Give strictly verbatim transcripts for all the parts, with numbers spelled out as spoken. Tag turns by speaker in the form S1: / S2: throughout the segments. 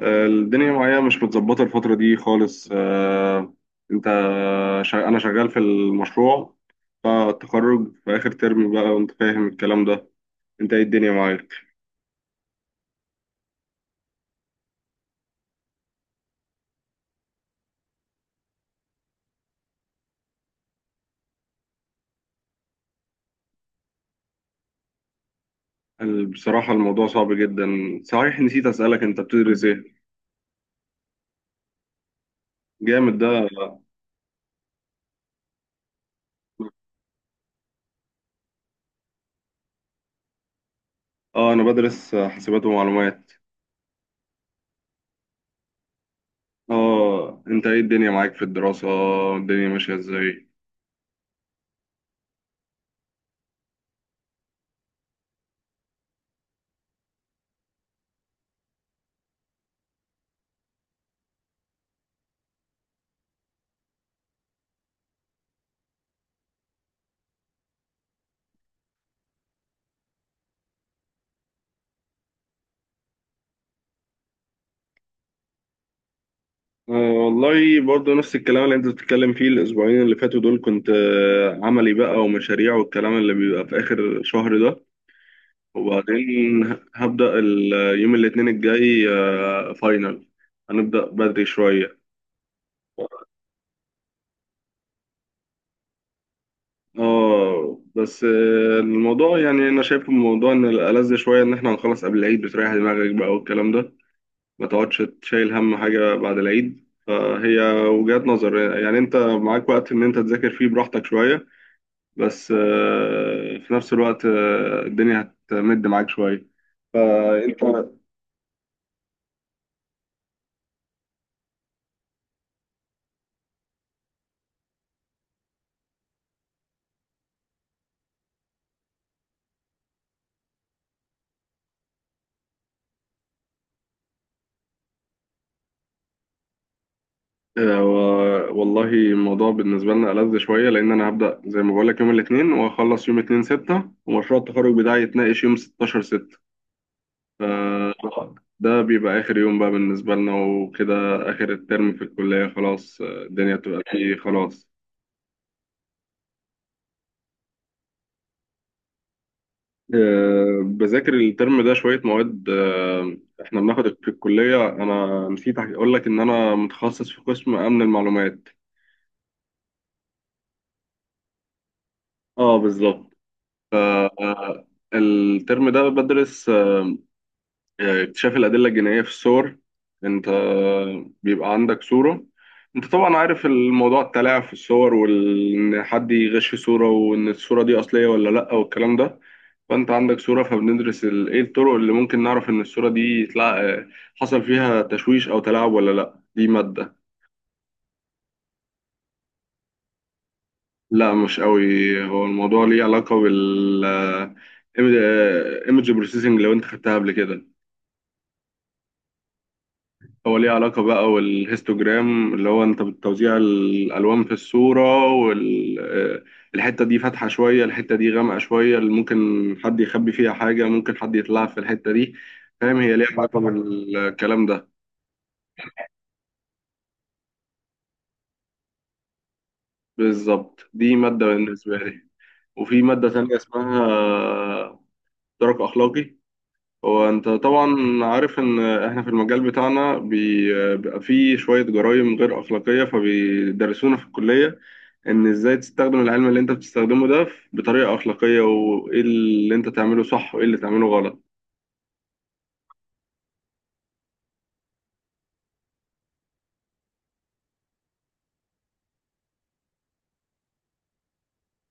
S1: آه، الدنيا معايا مش متظبطة الفترة دي خالص. آه، انت شا... انا شغال في المشروع. فالتخرج في اخر ترم بقى، وانت فاهم الكلام ده. انت ايه الدنيا معاك؟ ال- بصراحة الموضوع صعب جدا. صحيح نسيت اسألك، انت بتدرس ايه؟ جامد ده. اه، انا بدرس حاسبات ومعلومات. اه، انت ايه الدنيا معاك في الدراسة؟ الدنيا ماشية ازاي؟ آه، والله برضه نفس الكلام اللي انت بتتكلم فيه. الاسبوعين اللي فاتوا دول كنت آه، عملي بقى ومشاريع، والكلام اللي بيبقى في اخر شهر ده. وبعدين هبدأ ال- آه، يوم الاثنين الجاي، آه، فاينل. هنبدأ بدري شوية. اه، بس آه، الموضوع يعني انا شايف الموضوع ان الألذ شوية ان احنا هنخلص قبل العيد، بتريح دماغك بقى والكلام ده. ما تقعدش تشيل هم حاجة بعد العيد. فهي وجهات نظر. يعني انت معاك وقت ان انت تذاكر فيه براحتك شوية. بس آه، في نفس الوقت آه، الدنيا هتمد معاك شوية. فأنت. آه، و- والله الموضوع بالنسبة لنا ألذ شوية، لأن أنا هبدأ زي ما بقولك يوم الاثنين، وأخلص يوم اتنين ستة، ومشروع التخرج بتاعي يتناقش يوم ستاشر ستة. ف- ده بيبقى آخر يوم بقى بالنسبة لنا وكده. آخر الترم في الكلية خلاص. آه، الدنيا بتبقى فيه خلاص. آه، بذاكر الترم ده شوية مواد. آه، احنا بناخد في الكلية. انا نسيت اقول لك ان انا متخصص في قسم امن المعلومات. اه، بالظبط. آه، الترم ده بدرس اكتشاف الأدلة الجنائية في الصور. أنت بيبقى عندك صورة. أنت طبعا عارف الموضوع، التلاعب في الصور، وإن حد يغش في صورة، وإن الصورة دي أصلية ولا لأ والكلام ده. فأنت عندك صورة، فبندرس ال- إيه الطرق اللي ممكن نعرف إن الصورة دي تلع... حصل فيها تشويش أو تلاعب ولا لأ. دي مادة. لا، مش قوي. هو الموضوع ليه علاقة بال آه، image processing لو أنت خدتها قبل كده. هو ليه علاقة بقى، والهيستوجرام اللي هو انت بتوزيع الألوان في الصورة، والحتة دي فاتحة شوية، الحتة دي غامقة شوية، اللي ممكن حد يخبي فيها حاجة، ممكن حد يطلع في الحتة دي. فاهم؟ هي ليه علاقة بالكلام ده. بالظبط. دي مادة بالنسبة لي. وفي مادة تانية اسمها درك أخلاقي. هو انت طبعا عارف ان احنا في المجال بتاعنا بي- بيبقى فيه شوية جرائم غير اخلاقية، فبيدرسونا في الكلية ان ازاي تستخدم العلم اللي انت بتستخدمه ده بطريقة اخلاقية، وايه اللي انت تعمله صح وايه اللي تعمله غلط.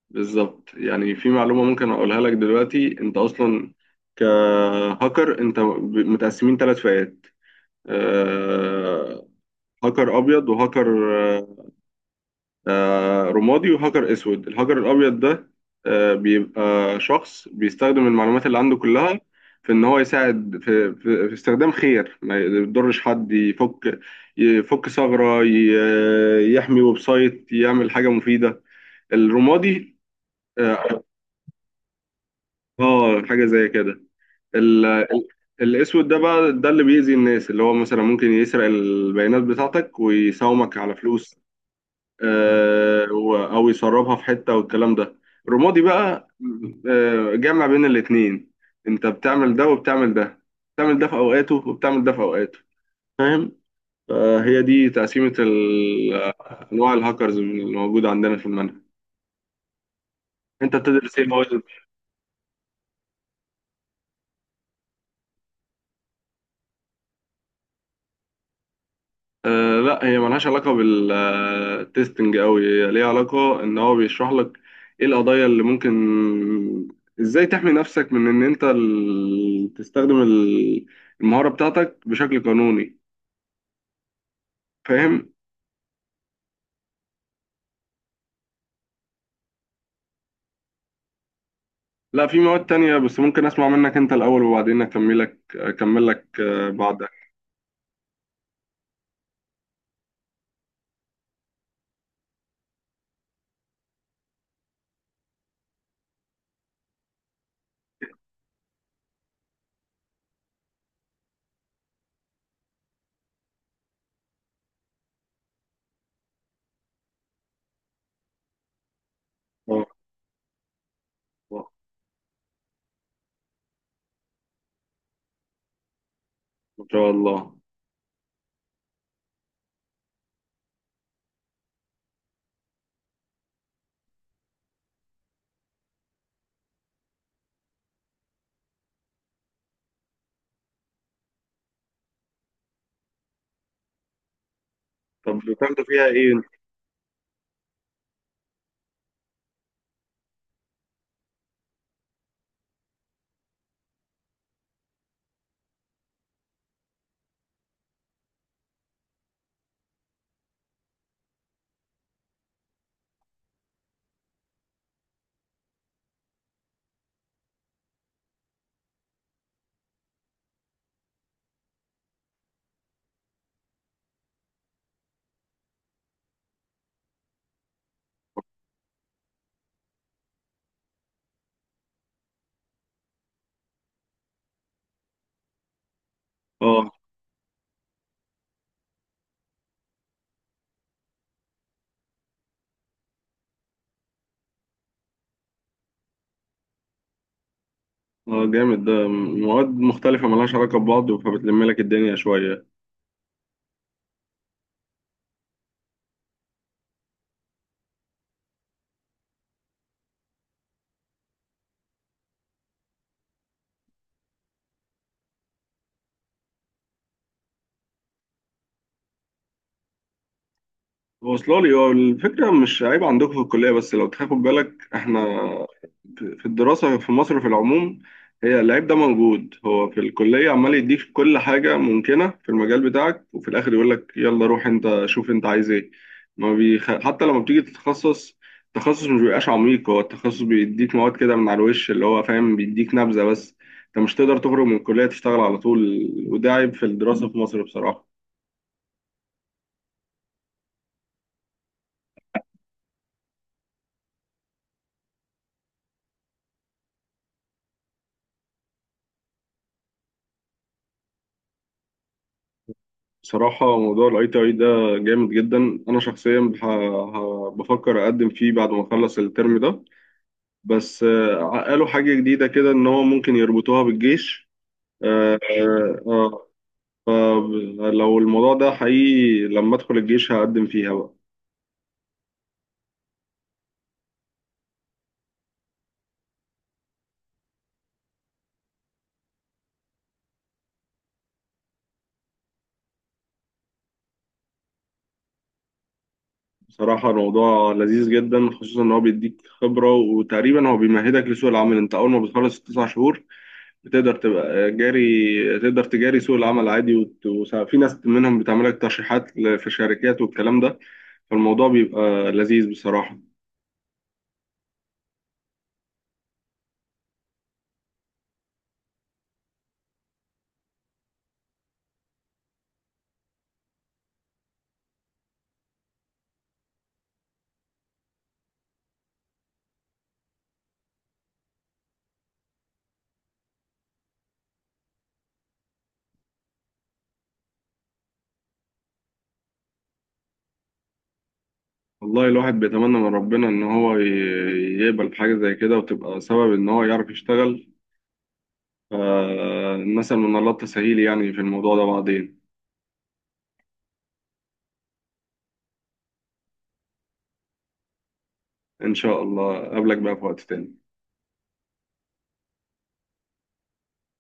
S1: بالظبط. يعني في معلومة ممكن اقولها لك دلوقتي. انت اصلا كهاكر انت ب- متقسمين ثلاث فئات. آه، هاكر ابيض، وهاكر آه، رمادي، وهجر اسود. الهجر الابيض ده آه، بيبقى شخص بيستخدم المعلومات اللي عنده كلها في ان هو يساعد في, في, في استخدام خير، ما يضرش حد. يفك يفك ثغرة، ي- يحمي ويب سايت، يعمل حاجة مفيدة. الرمادي. اه، آه، حاجة زي كده. ال- الاسود ده بقى، ده اللي بيأذي الناس. اللي هو مثلا ممكن يسرق البيانات بتاعتك، ويساومك على فلوس. آه، و- او يسربها في حته والكلام ده. رمادي بقى، آه، جمع بين الاتنين. انت بتعمل ده وبتعمل ده. بتعمل ده في اوقاته وبتعمل ده في اوقاته. فاهم؟ فهي دي تقسيمه ال- انواع الهاكرز من اللي موجوده عندنا في المنهج. انت بتدرس ايه مواد؟ آه لا، هي ملهاش علاقة بالتستنج أوي. هي ليها علاقة إن هو بيشرح لك إيه القضايا اللي ممكن، إزاي تحمي نفسك من إن أنت ال- تستخدم ال- المهارة بتاعتك بشكل قانوني. فاهم؟ لا، في مواد تانية. بس ممكن أسمع منك أنت الأول، وبعدين أكملك، أكمل لك آه، بعدها. آه، آه، إن شاء الله. طب بتاخدوا فيها إيه؟ أنت؟ آه، آه، جامد ده. مواد مختلفة ملهاش علاقة ببعض فبتلم لك الدنيا شوية. واصله لي. هو الفكره مش عيب عندكم في الكليه بس لو تاخد بالك، احنا في في الدراسه في مصر في العموم. هي العيب ده موجود. هو في الكليه عمال يديك كل حاجه ممكنه في المجال بتاعك، وفي الاخر يقول لك يلا روح انت شوف انت عايز ايه. ما بيخ... حتى لما بتيجي تتخصص التخصص مش بيبقاش عميق. هو التخصص بيديك مواد كده من على الوش، اللي هو فاهم بيديك نبذه بس. انت مش تقدر تخرج من الكليه تشتغل على طول، وده عيب في الدراسه في مصر بصراحه. بصراحة موضوع ال آي تي آي ده جامد جدا. أنا شخصيا بح- ه- بفكر أقدم فيه بعد ما أخلص الترم ده. بس آه، قالوا حاجة جديدة كده، إن هو ممكن يربطوها بالجيش. آه، آه، آه، فلو الموضوع ده حقيقي لما أدخل الجيش هقدم فيها بقى. بصراحة الموضوع لذيذ جدا، خصوصا إن هو بيديك خبرة، وتقريبا هو بيمهدك لسوق العمل. أنت أول ما بتخلص التسع شهور بتقدر تبقى جاري، تقدر تجاري سوق العمل عادي. وت- وس- في ناس منهم بتعمل لك ترشيحات ل- في شركات والكلام ده. فالموضوع بيبقى لذيذ بصراحة. والله الواحد بيتمنى من ربنا إن هو ي- يقبل حاجة زي كده، وتبقى سبب إن هو يعرف يشتغل. فالمثل من الله التسهيل يعني في الموضوع ده بعدين. إن شاء الله أقابلك بقى في وقت تاني.